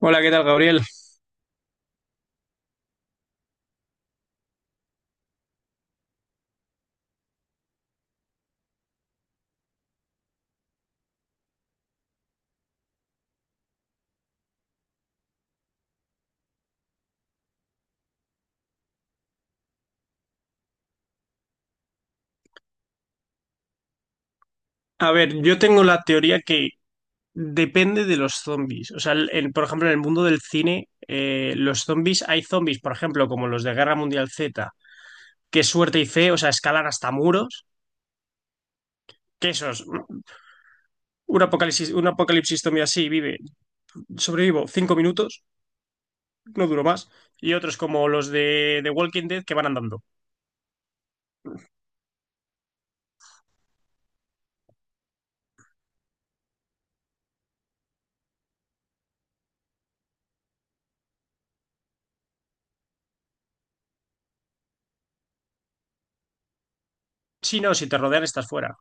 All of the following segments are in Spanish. Hola, ¿qué tal, Gabriel? A ver, yo tengo la teoría que depende de los zombies. O sea, por ejemplo, en el mundo del cine, los zombies, hay zombies, por ejemplo, como los de Guerra Mundial Z, que suerte y fe, o sea, escalan hasta muros, que esos, ¿no? Un apocalipsis zombie así vive, sobrevivo 5 minutos, no duro más, y otros como los de The Walking Dead que van andando. Si no, si te rodean, estás fuera.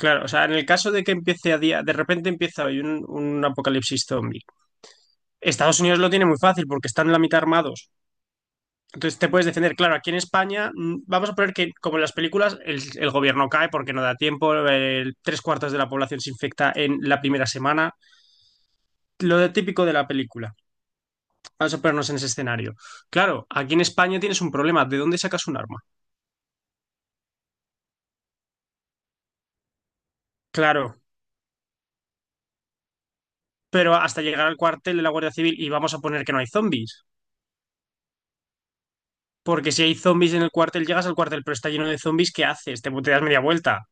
Claro, o sea, en el caso de que empiece a día, de repente empieza hoy un apocalipsis zombie. Estados Unidos lo tiene muy fácil porque están la mitad armados. Entonces te puedes defender. Claro, aquí en España vamos a poner que, como en las películas, el gobierno cae porque no da tiempo, tres cuartos de la población se infecta en la primera semana. Típico de la película. Vamos a ponernos en ese escenario. Claro, aquí en España tienes un problema. ¿De dónde sacas un arma? Claro, pero hasta llegar al cuartel de la Guardia Civil y vamos a poner que no hay zombies. Porque si hay zombies en el cuartel, llegas al cuartel, pero está lleno de zombies, ¿qué haces? Te das media vuelta.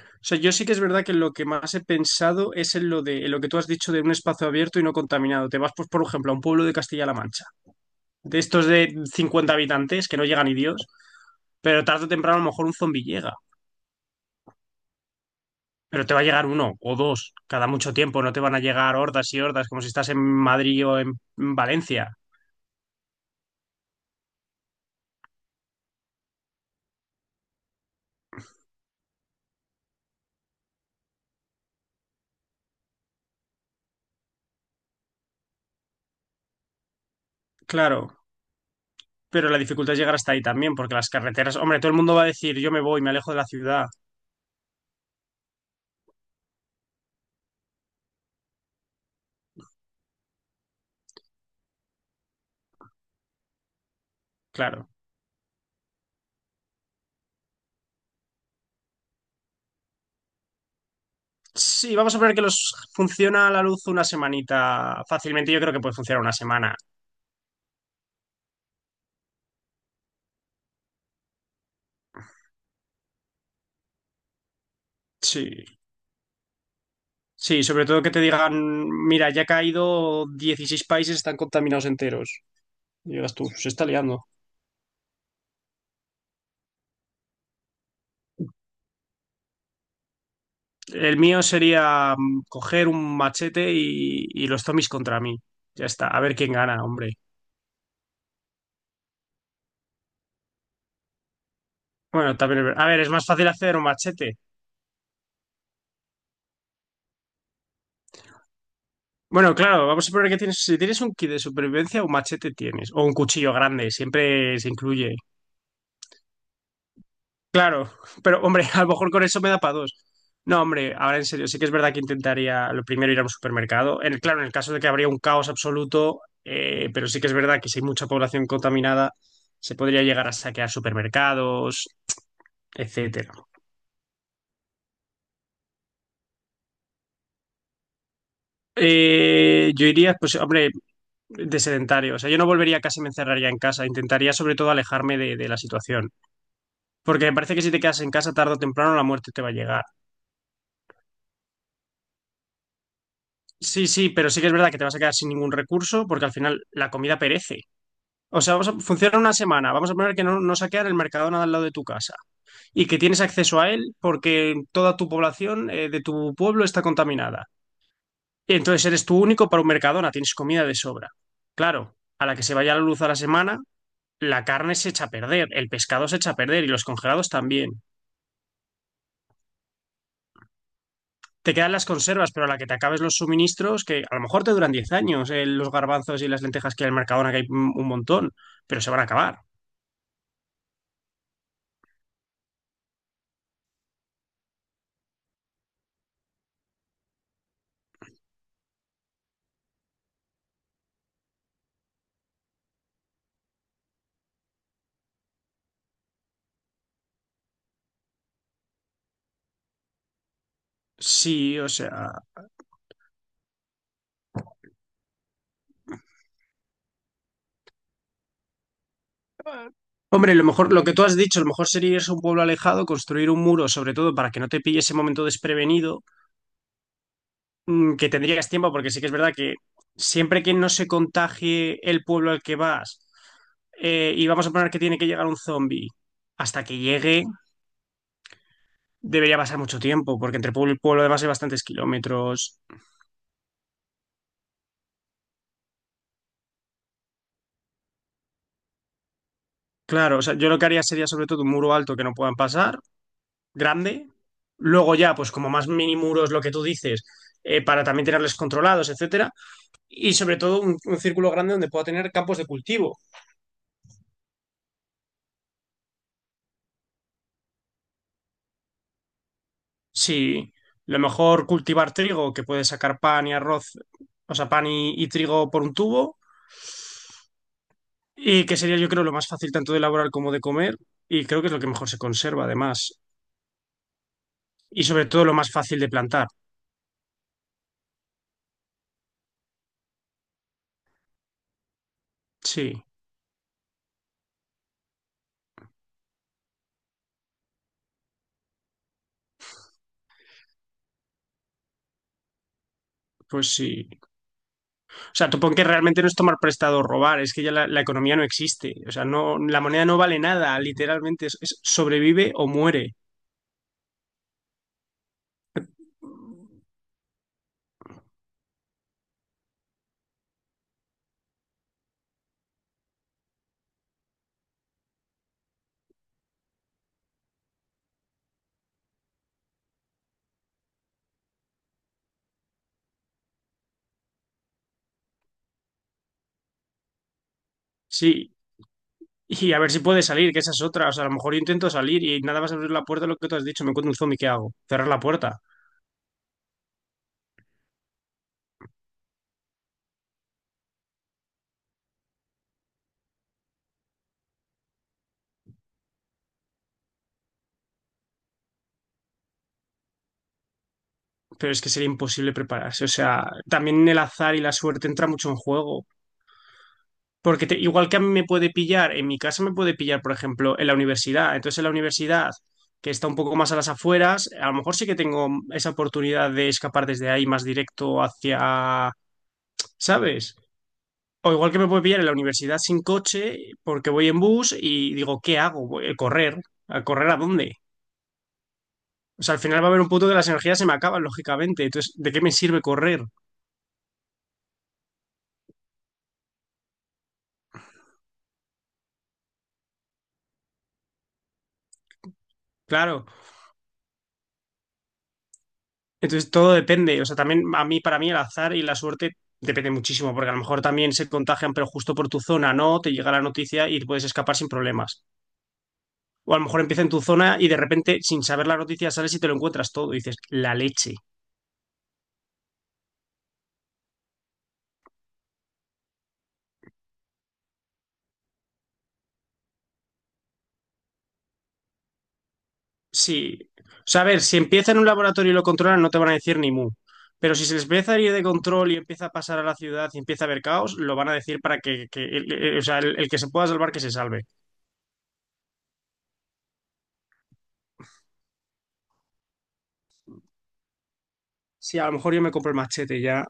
O sea, yo sí que es verdad que lo que más he pensado es en lo de en lo que tú has dicho de un espacio abierto y no contaminado. Te vas, pues, por ejemplo, a un pueblo de Castilla-La Mancha, de estos de 50 habitantes que no llega ni Dios, pero tarde o temprano a lo mejor un zombi llega, pero te va a llegar uno o dos cada mucho tiempo, no te van a llegar hordas y hordas como si estás en Madrid o en Valencia. Claro, pero la dificultad es llegar hasta ahí también, porque las carreteras, hombre, todo el mundo va a decir, yo me voy, me alejo de la ciudad. Claro. Sí, vamos a ver que los funciona a la luz una semanita fácilmente. Yo creo que puede funcionar una semana. Sí. Sí, sobre todo que te digan, mira, ya ha caído 16 países, están contaminados enteros. Y digas tú, se está liando. El mío sería coger un machete y los zombies contra mí. Ya está, a ver quién gana, hombre. Bueno, también, a ver, es más fácil hacer un machete. Bueno, claro, vamos a poner que tienes, si tienes un kit de supervivencia, un machete tienes, o un cuchillo grande, siempre se incluye. Claro, pero hombre, a lo mejor con eso me da para dos. No, hombre, ahora en serio, sí que es verdad que intentaría lo primero ir a un supermercado. En, claro, en el caso de que habría un caos absoluto, pero sí que es verdad que si hay mucha población contaminada, se podría llegar a saquear supermercados, etcétera. Yo iría, pues, hombre, de sedentario. O sea, yo no volvería a casa y me encerraría en casa. Intentaría sobre todo alejarme de la situación. Porque me parece que si te quedas en casa tarde o temprano, la muerte te va a llegar. Sí, sí, pero sí que es verdad que te vas a quedar sin ningún recurso porque al final la comida perece. O sea, vamos a, funciona una semana. Vamos a poner que no, no saquean el Mercadona de al lado de tu casa y que tienes acceso a él porque toda tu población de tu pueblo está contaminada. Y entonces eres tú único para un Mercadona, tienes comida de sobra. Claro, a la que se vaya la luz a la semana, la carne se echa a perder, el pescado se echa a perder y los congelados también. Te quedan las conservas, pero a la que te acabes los suministros, que a lo mejor te duran 10 años, los garbanzos y las lentejas que hay en el Mercadona, que hay un montón, pero se van a acabar. Sí, o sea, hombre, lo mejor, lo que tú has dicho, lo mejor sería irse a un pueblo alejado, construir un muro, sobre todo para que no te pille ese momento desprevenido, que tendrías tiempo, porque sí que es verdad que siempre que no se contagie el pueblo al que vas, y vamos a poner que tiene que llegar un zombie, hasta que llegue debería pasar mucho tiempo, porque entre pueblo y pueblo además hay bastantes kilómetros. Claro, o sea, yo lo que haría sería sobre todo un muro alto que no puedan pasar, grande. Luego ya, pues como más mini muros, lo que tú dices, para también tenerles controlados, etcétera. Y sobre todo un círculo grande donde pueda tener campos de cultivo. Sí, lo mejor cultivar trigo, que puede sacar pan y arroz, o sea, pan y trigo por un tubo, y que sería yo creo lo más fácil tanto de elaborar como de comer, y creo que es lo que mejor se conserva además. Y sobre todo lo más fácil de plantar. Sí, pues sí. O sea, supongo que realmente no es tomar prestado o robar, es que ya la economía no existe. O sea, no, la moneda no vale nada, literalmente es sobrevive o muere. Sí. Y a ver si puede salir, que esa es otra. O sea, a lo mejor yo intento salir y nada más abrir la puerta, lo que tú has dicho, me encuentro un zombie, ¿qué hago? Cerrar la puerta. Pero es que sería imposible prepararse. O sea, también el azar y la suerte entra mucho en juego. Porque igual que a mí me puede pillar, en mi casa me puede pillar, por ejemplo, en la universidad. Entonces, en la universidad, que está un poco más a las afueras, a lo mejor sí que tengo esa oportunidad de escapar desde ahí más directo hacia, ¿sabes? O igual que me puede pillar en la universidad sin coche porque voy en bus y digo, ¿qué hago? Voy a correr. ¿A correr a dónde? O sea, al final va a haber un punto que las energías se me acaban, lógicamente. Entonces, ¿de qué me sirve correr? Claro. Entonces, todo depende. O sea, también a mí, para mí, el azar y la suerte depende muchísimo, porque a lo mejor también se contagian, pero justo por tu zona, ¿no? Te llega la noticia y puedes escapar sin problemas. O a lo mejor empieza en tu zona y de repente, sin saber la noticia, sales y te lo encuentras todo. Y dices, la leche. Sí. O sea, a ver, si empieza en un laboratorio y lo controlan, no te van a decir ni mu. Pero si se les empieza a ir de control y empieza a pasar a la ciudad y empieza a haber caos, lo van a decir para que, o sea, el que se pueda salvar, que se salve. Sí, a lo mejor yo me compro el machete ya.